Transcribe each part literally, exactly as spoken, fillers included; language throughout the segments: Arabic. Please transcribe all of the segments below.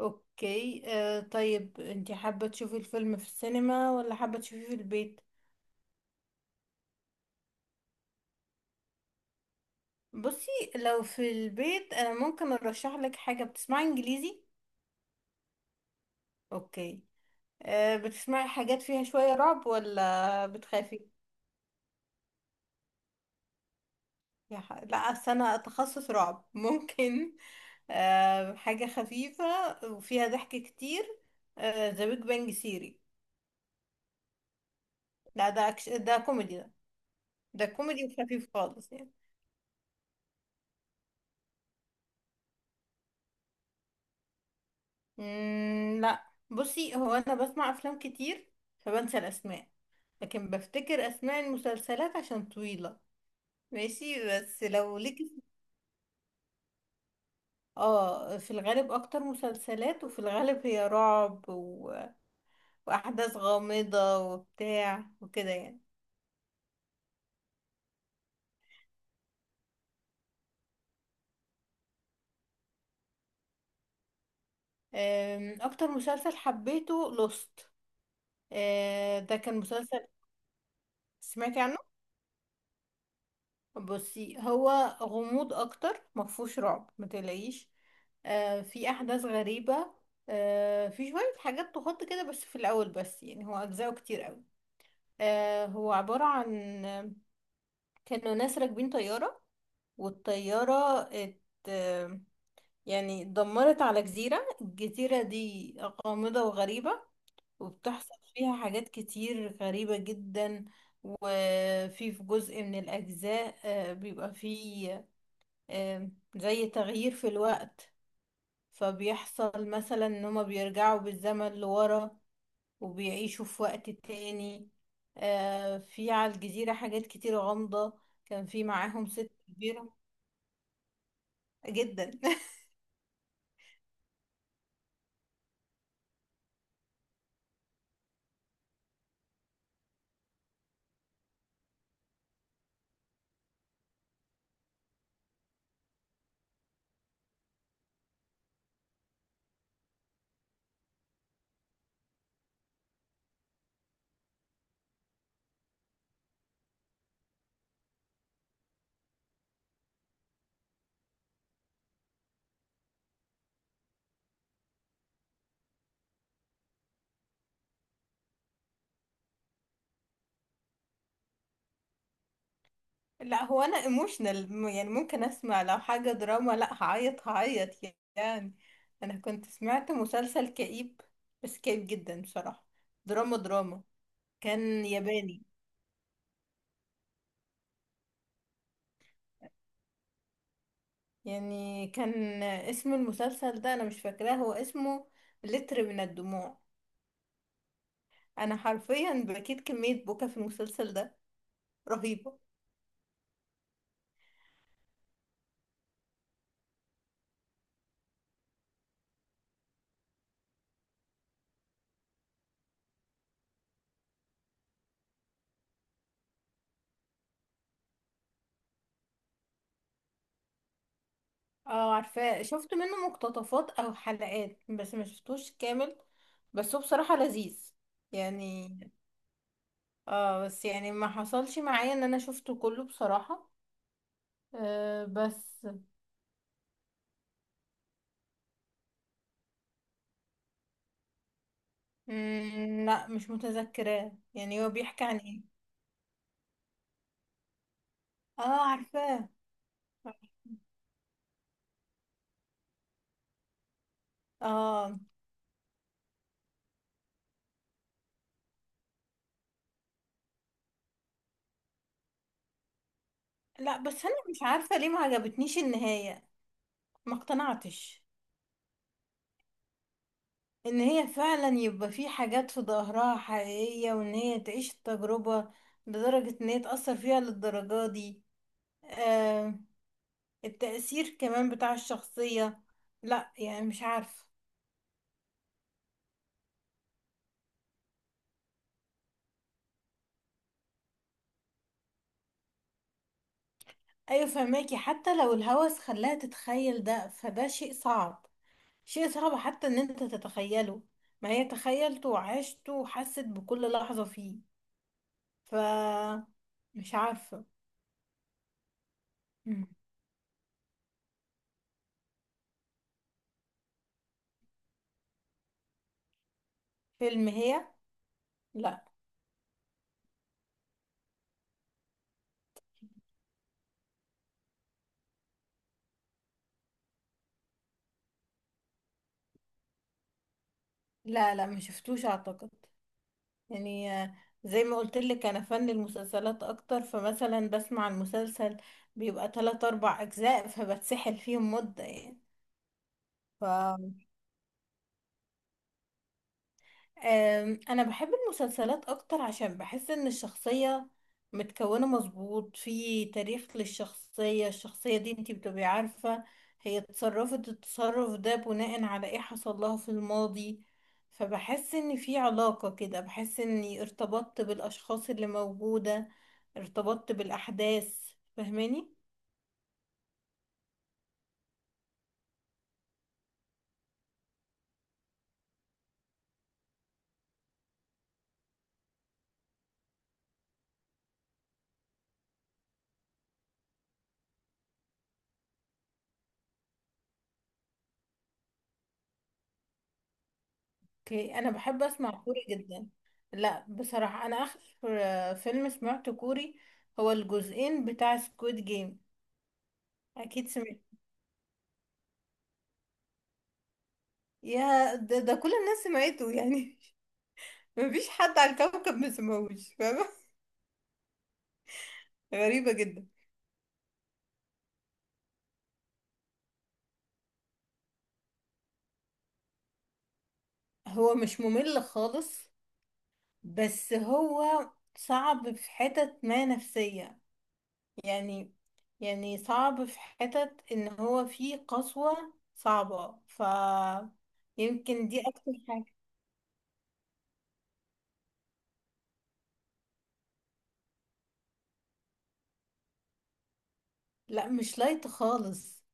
اوكي، آه طيب انتي حابة تشوفي الفيلم في السينما ولا حابة تشوفيه في البيت؟ بصي، لو في البيت انا ممكن ارشح لك حاجة. بتسمعي انجليزي؟ اوكي. آه بتسمعي حاجات فيها شوية رعب ولا بتخافي؟ يا ح... لا، أصل انا تخصص رعب ممكن آه حاجة خفيفة وفيها ضحك كتير. ذا بيج بانج سيري. لا، ده أكش... ده كوميدي ده. ده كوميدي وخفيف خالص يعني. مم، لا. بصي، هو انا بسمع افلام كتير فبنسى الاسماء، لكن بفتكر اسماء المسلسلات عشان طويلة. ماشي، بس لو ليك. اه، في الغالب اكتر مسلسلات، وفي الغالب هي رعب و... واحداث غامضة وبتاع وكده يعني. أم، اكتر مسلسل حبيته لوست. ده كان مسلسل. سمعتي عنه؟ بصي، هو غموض اكتر، مفهوش رعب، متقلقيش. آه في احداث غريبة. آه في شوية حاجات تخط كده بس في الاول، بس يعني هو اجزاءه كتير قوي. آه هو عبارة عن آه، كانوا ناس راكبين طيارة، والطيارة ات آه، يعني اتدمرت على جزيرة. الجزيرة دي غامضة وغريبة، وبتحصل فيها حاجات كتير غريبة جدا. وفي في جزء من الأجزاء آه، بيبقى فيه آم، زي تغيير في الوقت. فبيحصل مثلا ان هما بيرجعوا بالزمن لورا، وبيعيشوا في وقت تاني. آه، في على الجزيرة حاجات كتير غامضة. كان في معاهم ست كبيرة جدا. لا، هو انا ايموشنال يعني، ممكن اسمع لو حاجة دراما لا هعيط هعيط يعني. انا كنت سمعت مسلسل كئيب، بس كئيب جدا بصراحة. دراما دراما. كان ياباني. يعني كان اسم المسلسل ده انا مش فاكراه، هو اسمه لتر من الدموع. انا حرفيا بكيت كمية بكا في المسلسل ده رهيبة. اه، عارفاه، شفت منه مقتطفات او حلقات، بس ما شفتوش كامل. بس هو بصراحة لذيذ يعني. اه، بس يعني ما حصلش معايا ان انا شفته كله بصراحة. آه بس. مم، لا، مش متذكراه. يعني هو بيحكي عن ايه؟ اه، عارفاه. اه، لا، بس انا مش عارفة ليه ما عجبتنيش النهاية، ما اقتنعتش. ان هي فعلا يبقى في حاجات في ظهرها حقيقية، وان هي تعيش التجربة لدرجة ان هي تأثر فيها للدرجة دي. آه التأثير كمان بتاع الشخصية. لا، يعني مش عارفة. ايوه، فهماكي. حتى لو الهوس خلاها تتخيل ده، فده شيء صعب، شيء صعب حتى ان انت تتخيله. ما هي تخيلته وعشته وحست بكل لحظة فيه. ف مش عارفة. فيلم هي؟ لا، لا، لا ما شفتوش اعتقد. يعني، آه، زي ما قلت لك انا فن المسلسلات اكتر، فمثلا بسمع المسلسل بيبقى ثلاثة اربع اجزاء فبتسحل فيهم مدة يعني. ف أم، انا بحب المسلسلات اكتر عشان بحس ان الشخصية متكونة مظبوط في تاريخ للشخصية. الشخصية دي انتي بتبقي عارفة هي اتصرفت التصرف ده بناء على ايه حصل لها في الماضي. فبحس ان في علاقة كده، بحس اني ارتبطت بالاشخاص اللي موجودة، ارتبطت بالاحداث. فاهماني؟ اوكي، انا بحب اسمع كوري جدا. لا، بصراحة انا اخر آه، فيلم سمعته كوري هو الجزئين بتاع سكويد جيم. اكيد سمعت. يا ده, ده كل الناس سمعته يعني. مفيش حد على الكوكب ما سمعوش. فاهمة؟ غريبة جدا. هو مش ممل خالص. بس هو صعب في حتت ما نفسية يعني. يعني صعب في حتت ان هو فيه قسوة صعبة. ف يمكن دي اكتر حاجة. لا، مش لايت خالص.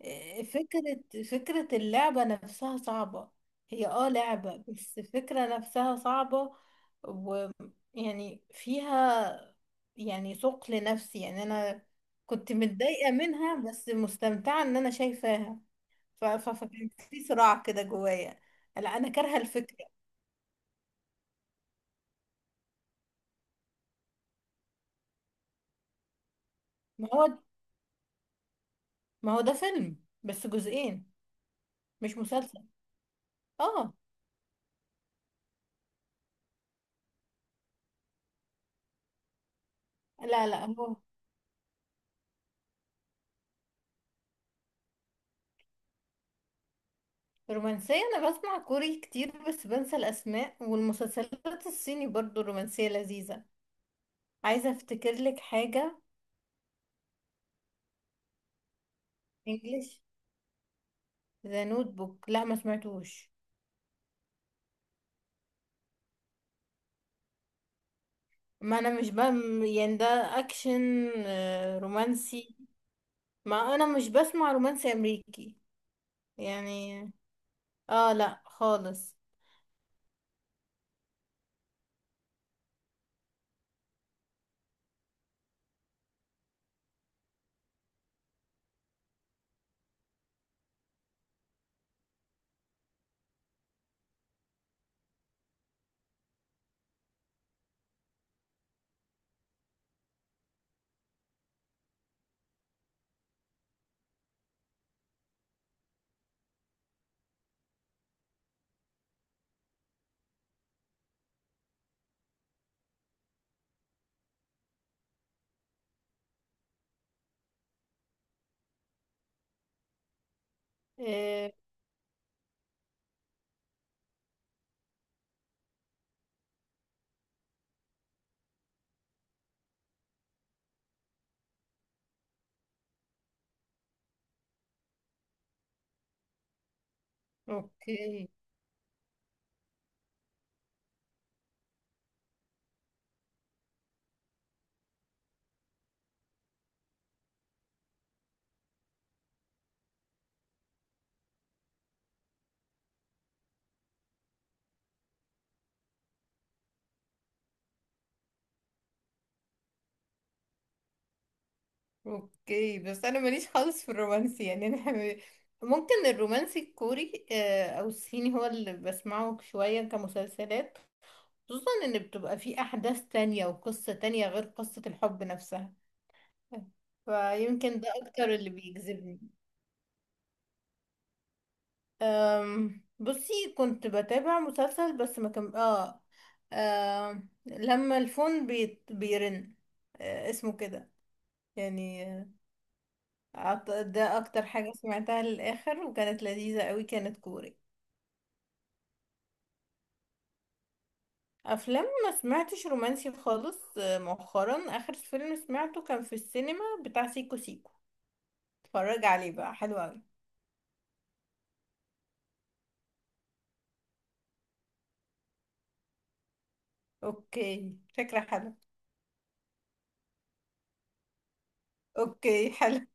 إيه، فكرة فكرة اللعبة نفسها صعبة. هي اه لعبة، بس الفكرة نفسها صعبة. ويعني فيها يعني ثقل نفسي يعني انا كنت متضايقة منها، بس مستمتعة ان انا شايفاها. ف- ف- فكان في صراع كده جوايا. لا، انا كارهة الفكرة. ما هو ما هو ده فيلم بس جزئين، مش مسلسل. اه، لا، لا هو. رومانسية؟ أنا بسمع كوري كتير بس بنسى الأسماء، والمسلسلات الصيني برضو رومانسية لذيذة. عايزة أفتكر لك حاجة. انجليش؟ ذا نوت بوك؟ لا، ما سمعتوش. ما أنا مش بم يعني ده أكشن، آه، رومانسي. ما أنا مش بسمع رومانسي أمريكي يعني. اه، لا خالص. آه، اوكي، اوكي، بس انا ماليش خالص في الرومانسي يعني، انا حم- ممكن الرومانسي الكوري آه، او الصيني هو اللي بسمعه شوية كمسلسلات، خصوصا ان بتبقى فيه احداث تانية وقصة تانية غير قصة الحب نفسها. فيمكن ده اكتر اللي بيجذبني. أم، بصي، كنت بتابع مسلسل بس ما كان اه آه، لما الفون بيت... بيرن. آه، اسمه كده يعني. أعت- ده اكتر حاجة سمعتها للاخر وكانت لذيذة قوي، كانت كوري. افلام ما سمعتش رومانسي خالص، آه، مؤخرا اخر فيلم سمعته كان في السينما بتاع سيكو سيكو. اتفرج عليه بقى، حلو قوي. اوكي، فكرة حلوة. اوكي، حلو.